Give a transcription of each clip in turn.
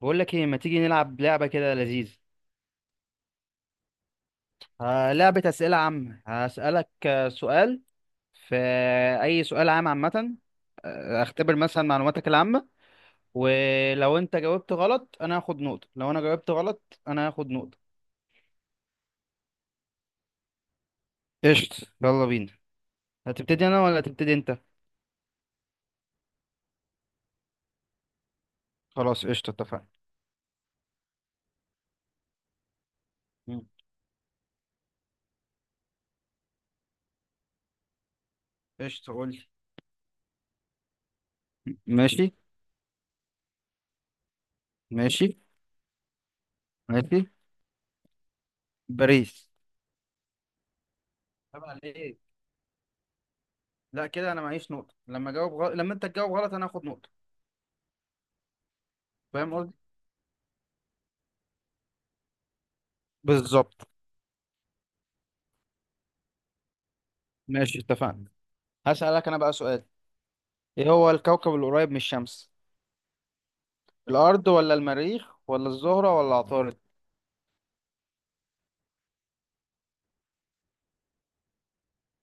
بقول لك ايه، ما تيجي نلعب لعبة كده لذيذة؟ آه، لعبة أسئلة عامة. هسألك سؤال في أي سؤال عام، عامة. اختبر مثلا معلوماتك العامة. ولو انت جاوبت غلط انا هاخد نقطة، لو انا جاوبت غلط انا هاخد نقطة. قشطة، يلا بينا. هتبتدي انا ولا هتبتدي انت؟ خلاص قشطة اتفقنا. مم. قشطة، قول لي. ماشي. ماشي. ماشي. باريس. طب عليك. لا كده انا معيش نقطة، لما جاوب غلط، لما انت تجاوب غلط انا هاخد نقطة. فاهم قصدي؟ بالظبط. ماشي اتفقنا. هسألك أنا بقى سؤال. إيه هو الكوكب القريب من الشمس؟ الأرض ولا المريخ ولا الزهرة ولا عطارد؟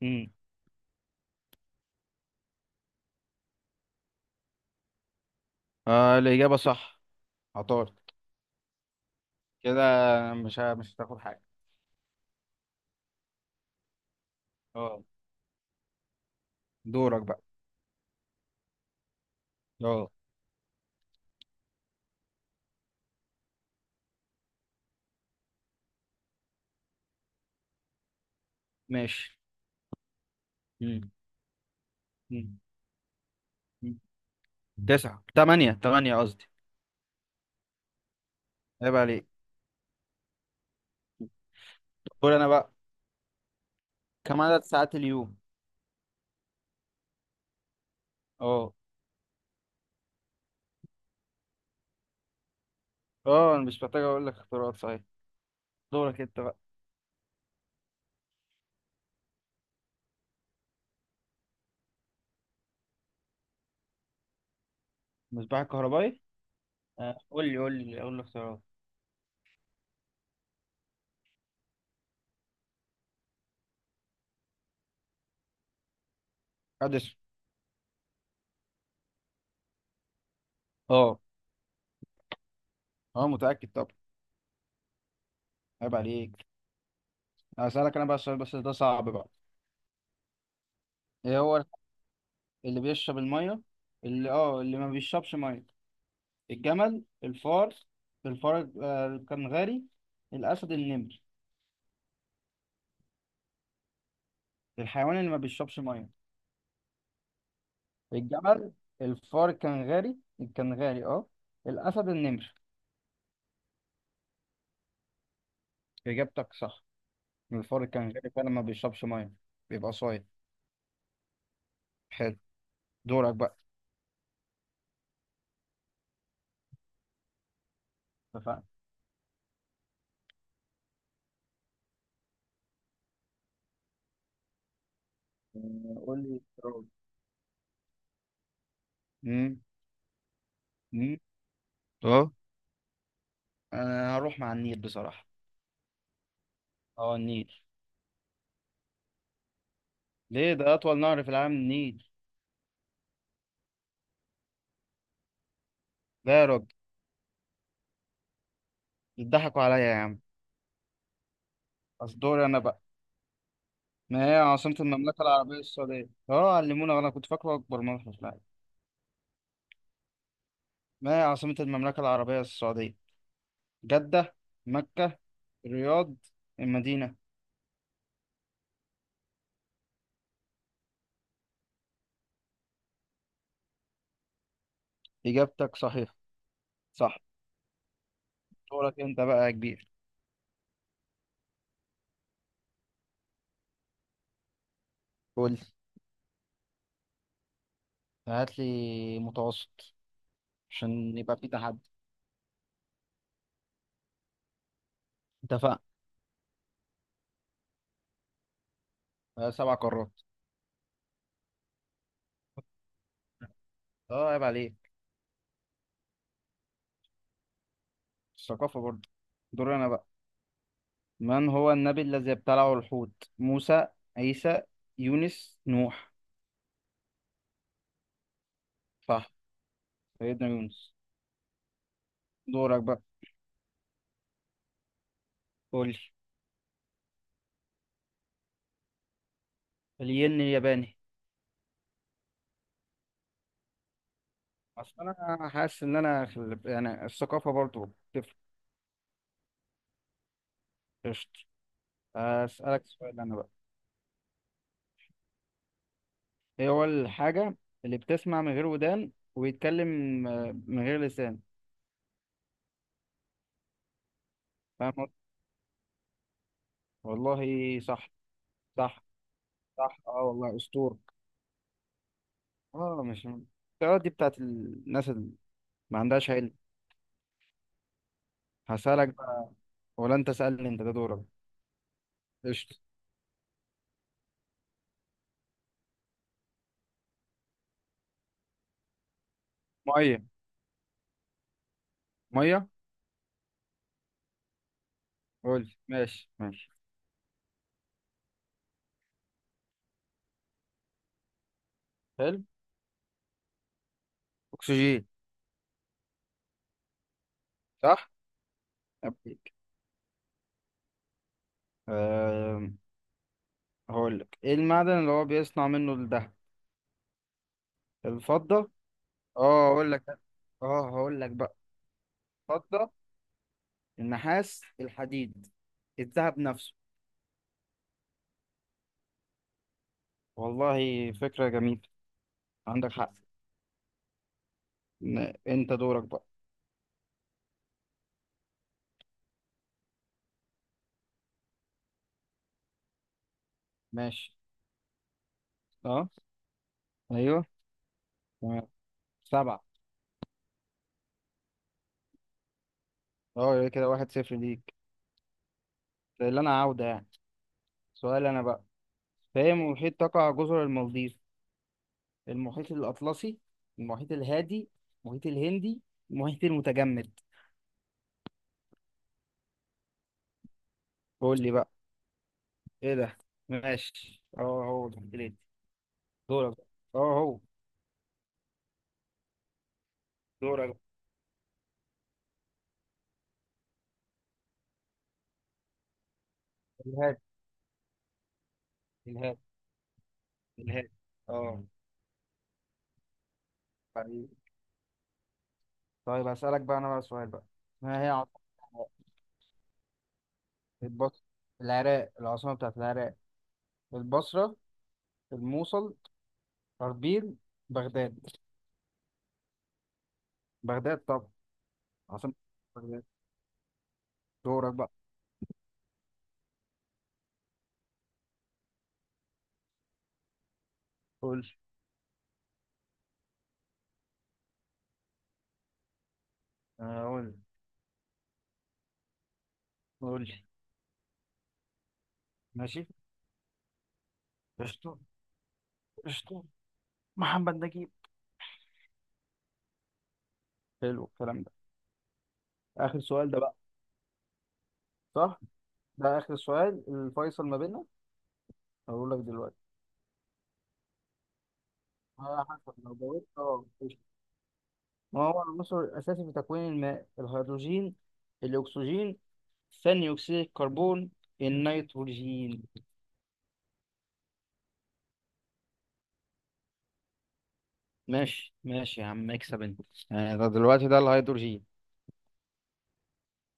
امم آه، الإجابة صح. عطارد. كده مش هتاخد حاجة. اه. دورك بقى. اه. ماشي. امم امم أمم. تسعة، تمانية، تمانية قصدي. عيب عليك. قول أنا بقى. كم عدد ساعات اليوم؟ اه. اه أنا مش محتاج أقول لك اختيارات، صحيح. دورك أنت بقى. مصباح الكهربائي. آه، قول لي اختيارات. أديسون. اه. اه متأكد. عيب عليك. هسألك انا بقى السؤال، بس ده صعب بقى. ايه هو اللي بيشرب الميه، اللي اللي ما بيشربش ميه؟ الجمل، الفار، الفار آه، الكنغاري، الاسد، النمر. الحيوان اللي ما بيشربش ميه. الجمل، الفار الكنغاري، الكنغاري. اه. الاسد، النمر. اجابتك صح. الفار الكنغاري فعلا ما بيشربش ميه. بيبقى صايم. حلو. دورك بقى. اتفقنا. آه، قول لي. مم. مم. اه. انا هروح مع النيل بصراحه. اه، النيل. ليه؟ ده أطول نهر في العالم، النيل. لا يا راجل. بتضحكوا عليا يا عم. أصل دوري أنا بقى. ما هي عاصمة المملكة العربية السعودية؟ أه علمونا، أنا كنت فاكره أكبر منحة في العالم. ما هي عاصمة المملكة العربية السعودية؟ جدة، مكة، الرياض، المدينة. إجابتك صحيحة. صح. دورك أنت بقى يا كبير. قول لي. هات لي متوسط. عشان يبقى في تحدي. اتفقنا. آه، سبع قارات. أه عيب عليك. الثقافة برضه. دوري أنا بقى. من هو النبي الذي ابتلعه الحوت؟ موسى، عيسى، يونس، نوح. صح. سيدنا يونس. دورك بقى. قول لي. الين الياباني. اصل انا حاسس ان انا في يعني الثقافه برضو بتفرق. قشطة. اسالك سؤال انا بقى. ايه هو الحاجه اللي بتسمع من غير ودان ويتكلم من غير لسان؟ فاهم قصدي؟ والله صح. صح. صح. اه والله اسطورة. اه مش. السؤالات دي بتاعت الناس اللي ما عندهاش علم. هسألك بقى. ولا انت سألني، انت ده دورك. قشطة. مية. مية. قول. ماشي ماشي. حلو. أكسجين. صح؟ أبيك. أه... هقول لك إيه المعدن اللي هو بيصنع منه الذهب؟ الفضة. أه هقول لك. أه هقول لك بقى. الفضة، النحاس، الحديد، الذهب نفسه. والله فكرة جميلة. عندك حق. أنت دورك بقى. ماشي. أه. أيوه. تمام. سبعة. أه يبقى كده واحد صفر ليك. ده اللي أنا عاودة يعني. سؤال أنا بقى. في أي محيط تقع جزر المالديف؟ المحيط الأطلسي، المحيط الهادي، المحيط الهندي، المحيط المتجمد. قول لي بقى. ايه ده. ماشي، اه، هو المحيط الهندي. دورك بقى. اه هو. دورك بقى. الهادي. الهادي. الهادي. اه. طيب. طيب هسألك بقى انا بقى سؤال بقى. ما هي عاصمة العراق؟ البص. العراق، العاصمة بتاعت العراق. البصرة، الموصل، أربيل، بغداد. بغداد طبعا. عاصمة بغداد. دورك بقى. قول لي. آه، قول لي. قول لي. ماشي. قشطة. قشطة. محمد نجيب. حلو الكلام ده. اخر سؤال ده بقى. صح. ده اخر سؤال، الفيصل ما بيننا. هقول لك دلوقتي، على حسب. لو جاوبت اه قشطة. ما هو العنصر الاساسي في تكوين الماء؟ الهيدروجين، الاكسجين، ثاني اكسيد الكربون، النيتروجين. ماشي ماشي يا عم، اكسب انت. يعني ده دلوقتي ده الهيدروجين.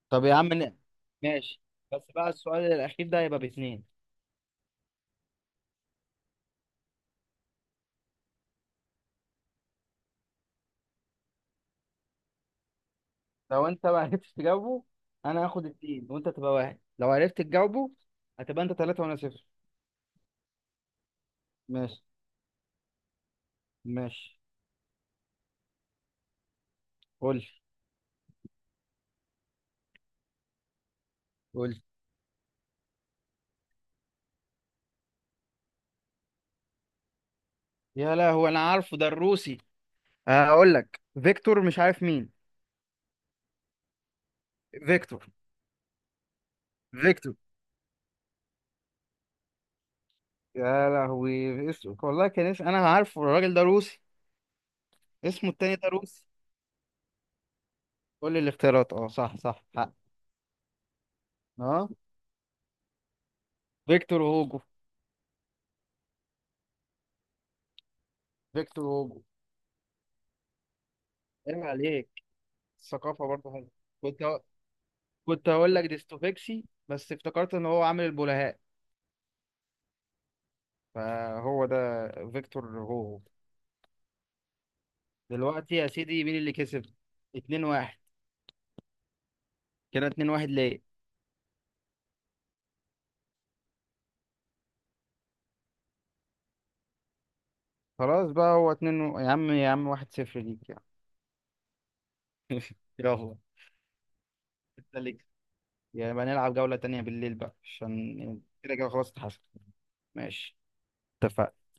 طب يا عم ماشي. بس بقى السؤال الاخير ده يبقى باتنين. لو انت ما عرفتش تجاوبه انا هاخد اتنين وانت تبقى واحد. لو عرفت تجاوبه هتبقى انت تلاتة وانا صفر. ماشي. ماشي. قول لي. قول لي. يا لهوي انا عارفه، ده الروسي. هقول لك فيكتور، مش عارف مين. فيكتور. فيكتور. يا لهوي اسمه، والله كان اسم، انا عارفه، الراجل ده روسي. اسمه التاني ده روسي. قول لي الاختيارات. اه صح صح، حق. اه. فيكتور هوجو. فيكتور هوجو. عيب عليك. الثقافة برضه حلوة. كنت ه... كنت هقول لك ديستوفيكسي بس افتكرت ان هو عامل البلهاء. فهو ده، فيكتور هوجو. دلوقتي يا سيدي مين اللي كسب؟ 2-1. كده اتنين واحد ليه. خلاص بقى يا عم يا عم، واحد صفر ليك يعني. يلا. انت ليك. يبقى نلعب جولة تانية بالليل بقى، عشان كده كده خلاص اتحسن. ماشي. اتفقنا.